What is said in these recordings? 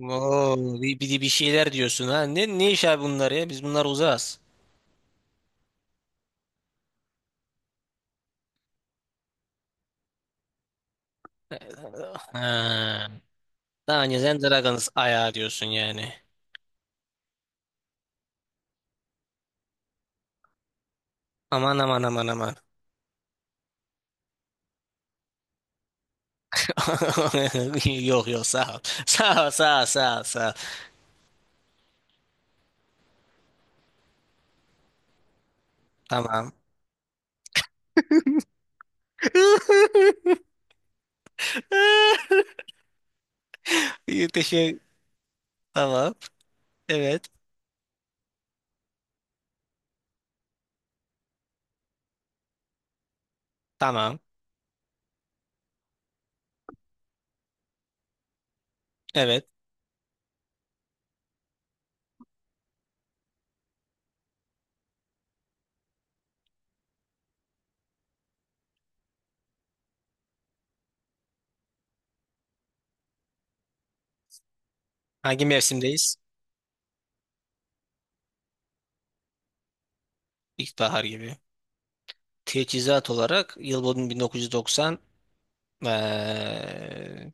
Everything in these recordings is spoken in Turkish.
Oo, bir şeyler diyorsun ha. Ne iş abi bunlar ya? Biz bunlar uzağız. Ha. Daha önce sen Dragons ayağı diyorsun yani. Aman aman aman aman. Yok yok, sağ ol. Sağ ol, sağ ol, sağ ol, sağ ol. Tamam. İyi, teşekkür. Tamam. Evet. Tamam. Evet. Hangi mevsimdeyiz? İlkbahar gibi. Teçhizat olarak yıl boyunca 1990, eee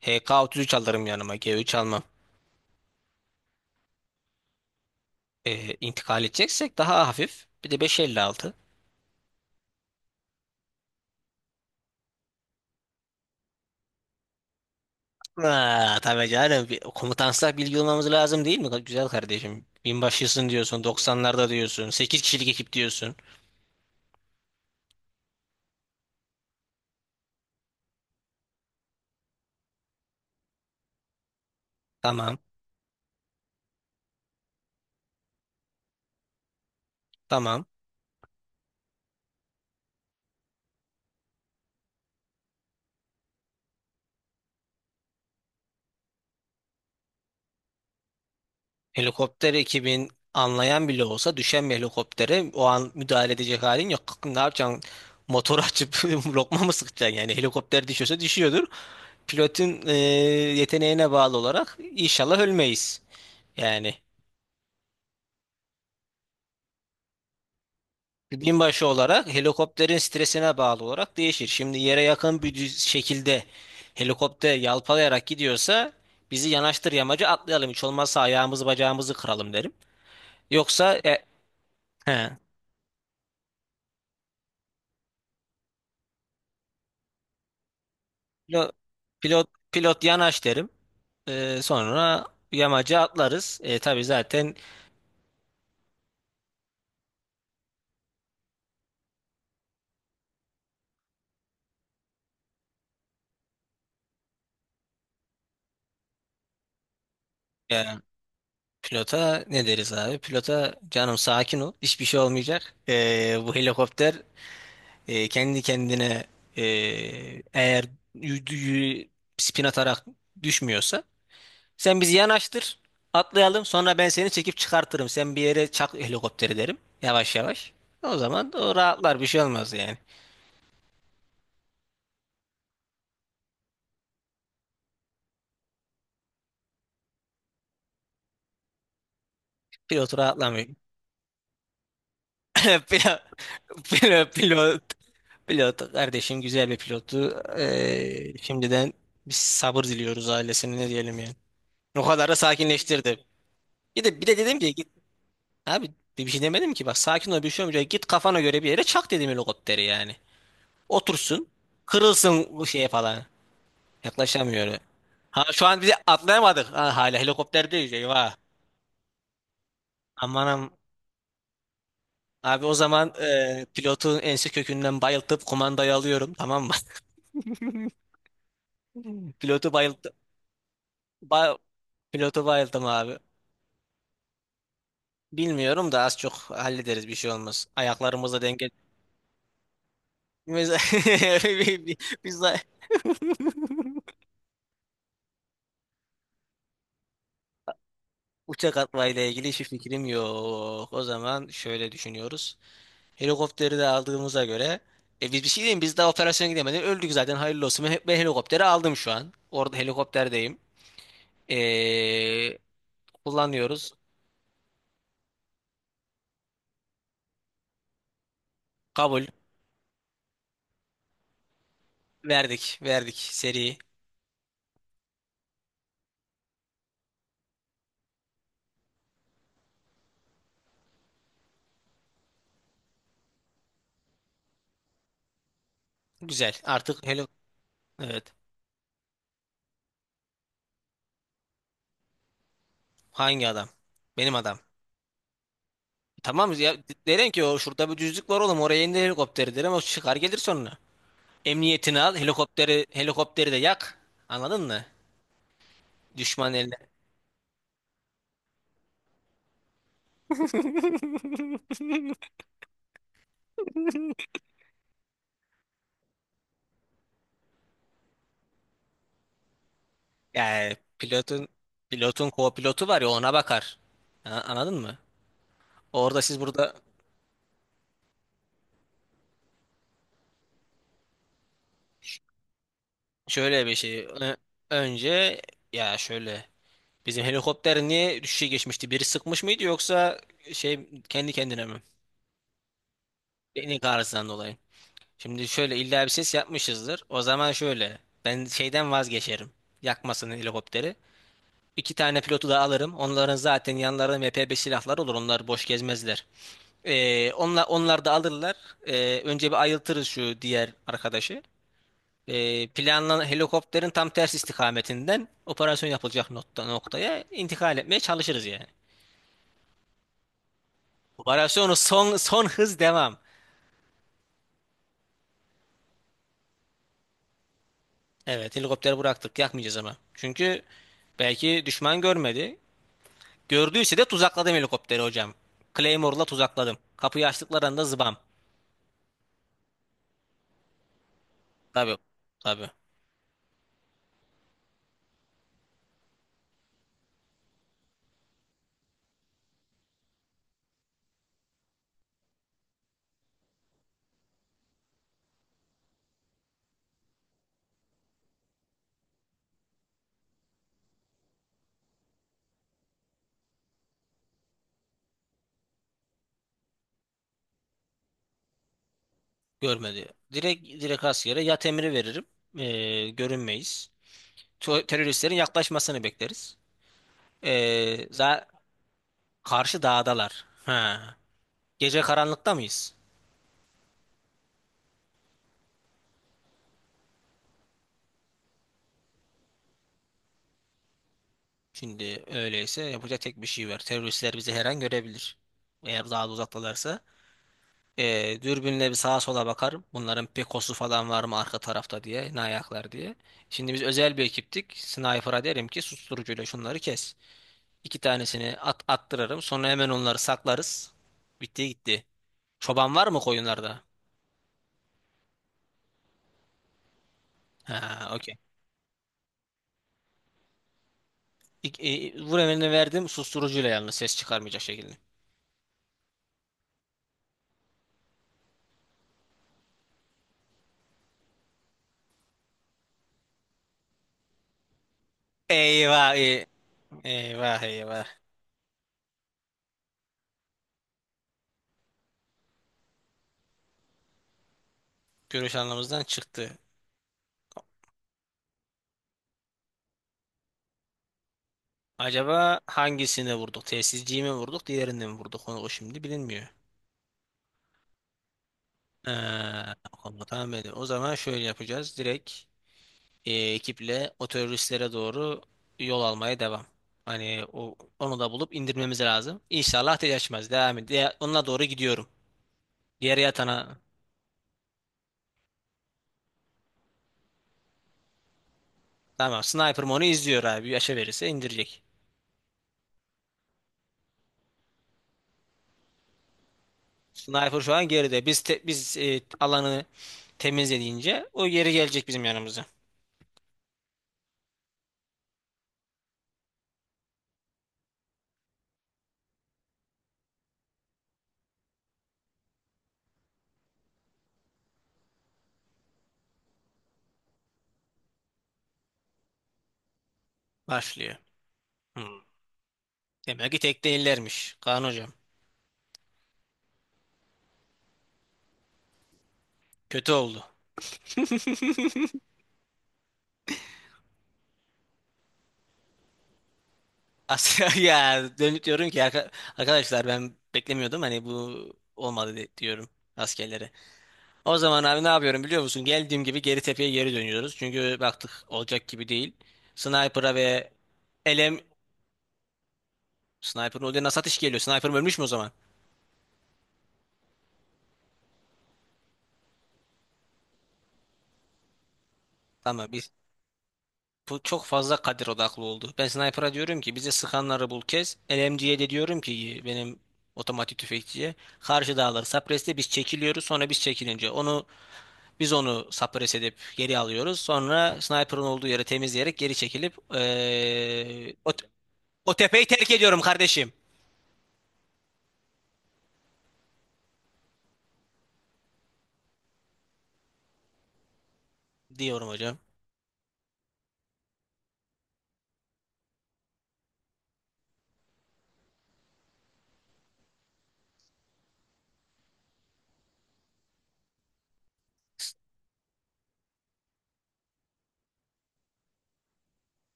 HK-33 alırım yanıma. G3 almam. İntikal edeceksek daha hafif. Bir de 556. Aa, tabii canım. Bir, komutansak bilgi olmamız lazım değil mi? Güzel kardeşim. Binbaşısın diyorsun. 90'larda diyorsun. Sekiz kişilik ekip diyorsun. Tamam. Tamam. Helikopter ekibin anlayan bile olsa düşen bir helikoptere o an müdahale edecek halin yok. Kalkın, ne yapacaksın? Motor açıp lokma mı sıkacaksın? Yani helikopter düşüyorsa düşüyordur. Pilotun yeteneğine bağlı olarak inşallah ölmeyiz. Yani. Binbaşı olarak helikopterin stresine bağlı olarak değişir. Şimdi yere yakın bir şekilde helikopter yalpalayarak gidiyorsa bizi yanaştır, yamacı atlayalım. Hiç olmazsa ayağımızı bacağımızı kıralım derim. Yoksa he, pilo- pilot, yanaş derim. E, sonra yamacı atlarız. E, tabii zaten. e, Pilota ne deriz abi? Pilota canım, sakin ol. Hiçbir şey olmayacak. E, bu helikopter E, kendi kendine, e, eğer y- y- spin atarak düşmüyorsa sen bizi yanaştır, atlayalım, sonra ben seni çekip çıkartırım. Sen bir yere çak helikopteri derim, yavaş yavaş. O zaman o rahatlar, bir şey olmaz yani. Pilot rahatlamıyor. Pilot, pilot, pilot, pilot kardeşim, güzel bir pilottu. E, şimdiden biz sabır diliyoruz ailesine, ne diyelim yani. O kadar da sakinleştirdi. Bir de dedim ki. Abi, bir şey demedim ki, bak, sakin ol, bir şey olmayacak. Git kafana göre bir yere çak dedim helikopteri yani. Otursun kırılsın bu şeye falan. Yaklaşamıyor. Öyle. Ha, şu an bizi atlayamadık. Ha, hala helikopterdeyiz, eyvah. Amanım abi, o zaman pilotun ensi kökünden bayıltıp kumandayı alıyorum, tamam mı? Pilotu bayılttım. Ba Pilotu bayılttım abi. Bilmiyorum da az çok hallederiz, bir şey olmaz. Ayaklarımızla denge. Biz, biz de... Uçak atmayla ilgili hiçbir fikrim yok. O zaman şöyle düşünüyoruz. Helikopteri de aldığımıza göre, biz bir şey diyeyim, biz daha operasyona gidemedik. Öldük zaten, hayırlı olsun. Ben helikopteri aldım şu an. Orada helikopterdeyim. Ee, Kullanıyoruz. Kabul. Verdik. Verdik. Seri. Güzel. Artık heli... Evet. Hangi adam? Benim adam. Tamam ya, derim ki o şurada bir düzlük var oğlum, oraya indir helikopteri derim, o çıkar gelir sonra. Emniyetini al helikopteri, helikopteri de yak. Anladın mı? Düşman el. Yani pilotun co-pilotu var ya, ona bakar. Ha, anladın mı? Orada siz, burada şöyle bir şey Ö- önce ya şöyle bizim helikopter niye düşüşe geçmişti? Biri sıkmış mıydı, yoksa şey kendi kendine mi? Teknik arızadan dolayı. Şimdi şöyle, illa bir ses yapmışızdır. O zaman şöyle ben şeyden vazgeçerim. Yakmasın helikopteri. İki tane pilotu da alırım. Onların zaten yanlarında MP5 silahları olur. Onlar boş gezmezler. Onlar, onlar da alırlar. Önce bir ayıltırız şu diğer arkadaşı. Planlanan helikopterin tam ters istikametinden operasyon yapılacak noktaya intikal etmeye çalışırız yani. Operasyonu son hız devam. Evet, helikopteri bıraktık, yakmayacağız ama. Çünkü belki düşman görmedi. Gördüyse de tuzakladım helikopteri hocam. Claymore'la tuzakladım. Kapıyı açtıkları anda zıbam. Tabii. Tabii. Görmedi. Direkt askere yat emri veririm. Görünmeyiz. Teröristlerin yaklaşmasını bekleriz. Za Karşı dağdalar. Ha. Gece karanlıkta mıyız? Şimdi öyleyse yapacak tek bir şey var. Teröristler bizi her an görebilir. Eğer daha da uzaktalarsa. Dürbünle bir sağa sola bakarım. Bunların pekosu falan var mı arka tarafta diye. Ne ayaklar diye. Şimdi biz özel bir ekiptik. Sniper'a derim ki susturucuyla şunları kes. İki tanesini attırırım. Sonra hemen onları saklarız. Bitti gitti. Çoban var mı koyunlarda? Ha, okey. Vur emrini verdim, susturucuyla, yalnız ses çıkarmayacak şekilde. Eyvah e- Eyvah eyvah. Görüş anlamımızdan çıktı. Acaba hangisini vurduk? Telsizciyi mi vurduk? Diğerini mi vurduk? Onu o şimdi bilinmiyor. Ha, onu tahmin edeyim. O zaman şöyle yapacağız. Direkt ekiple o teröristlere doğru yol almaya devam. Hani onu da bulup indirmemiz lazım. İnşallah ateş açmaz. Devam et. Onunla doğru gidiyorum. Diğer yatana. Tamam. Sniper'ım onu izliyor abi. Bir aşağı verirse indirecek. Sniper şu an geride. Biz alanı temizlediğince o geri gelecek bizim yanımıza. Başlıyor. Hmm. Demek ki tek değillermiş. Kaan hocam. Kötü oldu. Ya dönüp diyorum ki arkadaşlar ben beklemiyordum. Hani bu olmadı, diyorum askerlere. O zaman abi ne yapıyorum biliyor musun? Geldiğim gibi geri tepeye geri dönüyoruz. Çünkü baktık olacak gibi değil. Sniper'a ve LM. Sniper'ın odaya nasıl ateş geliyor? Sniper ölmüş mü o zaman? Tamam biz Bu çok fazla kadir odaklı oldu. Ben sniper'a diyorum ki bize sıkanları bul kes. LMG'ye de diyorum ki benim otomatik tüfekçiye karşı dağları sapreste biz çekiliyoruz. Sonra biz çekilince onu onu sapres edip geri alıyoruz. Sonra sniper'ın olduğu yeri temizleyerek geri çekilip o tepeyi terk ediyorum kardeşim diyorum hocam.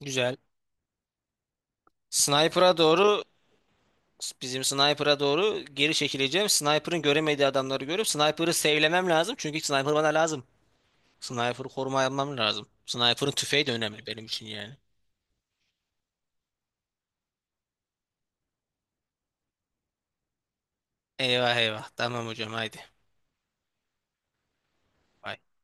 Güzel. Sniper'a doğru Bizim sniper'a doğru geri çekileceğim. Sniper'ın göremediği adamları görüp sniper'ı save'lemem lazım. Çünkü sniper bana lazım. Sniper'ı koruma almam lazım. Sniper'ın tüfeği de önemli benim için yani. Eyvah eyvah. Tamam hocam, haydi. Bay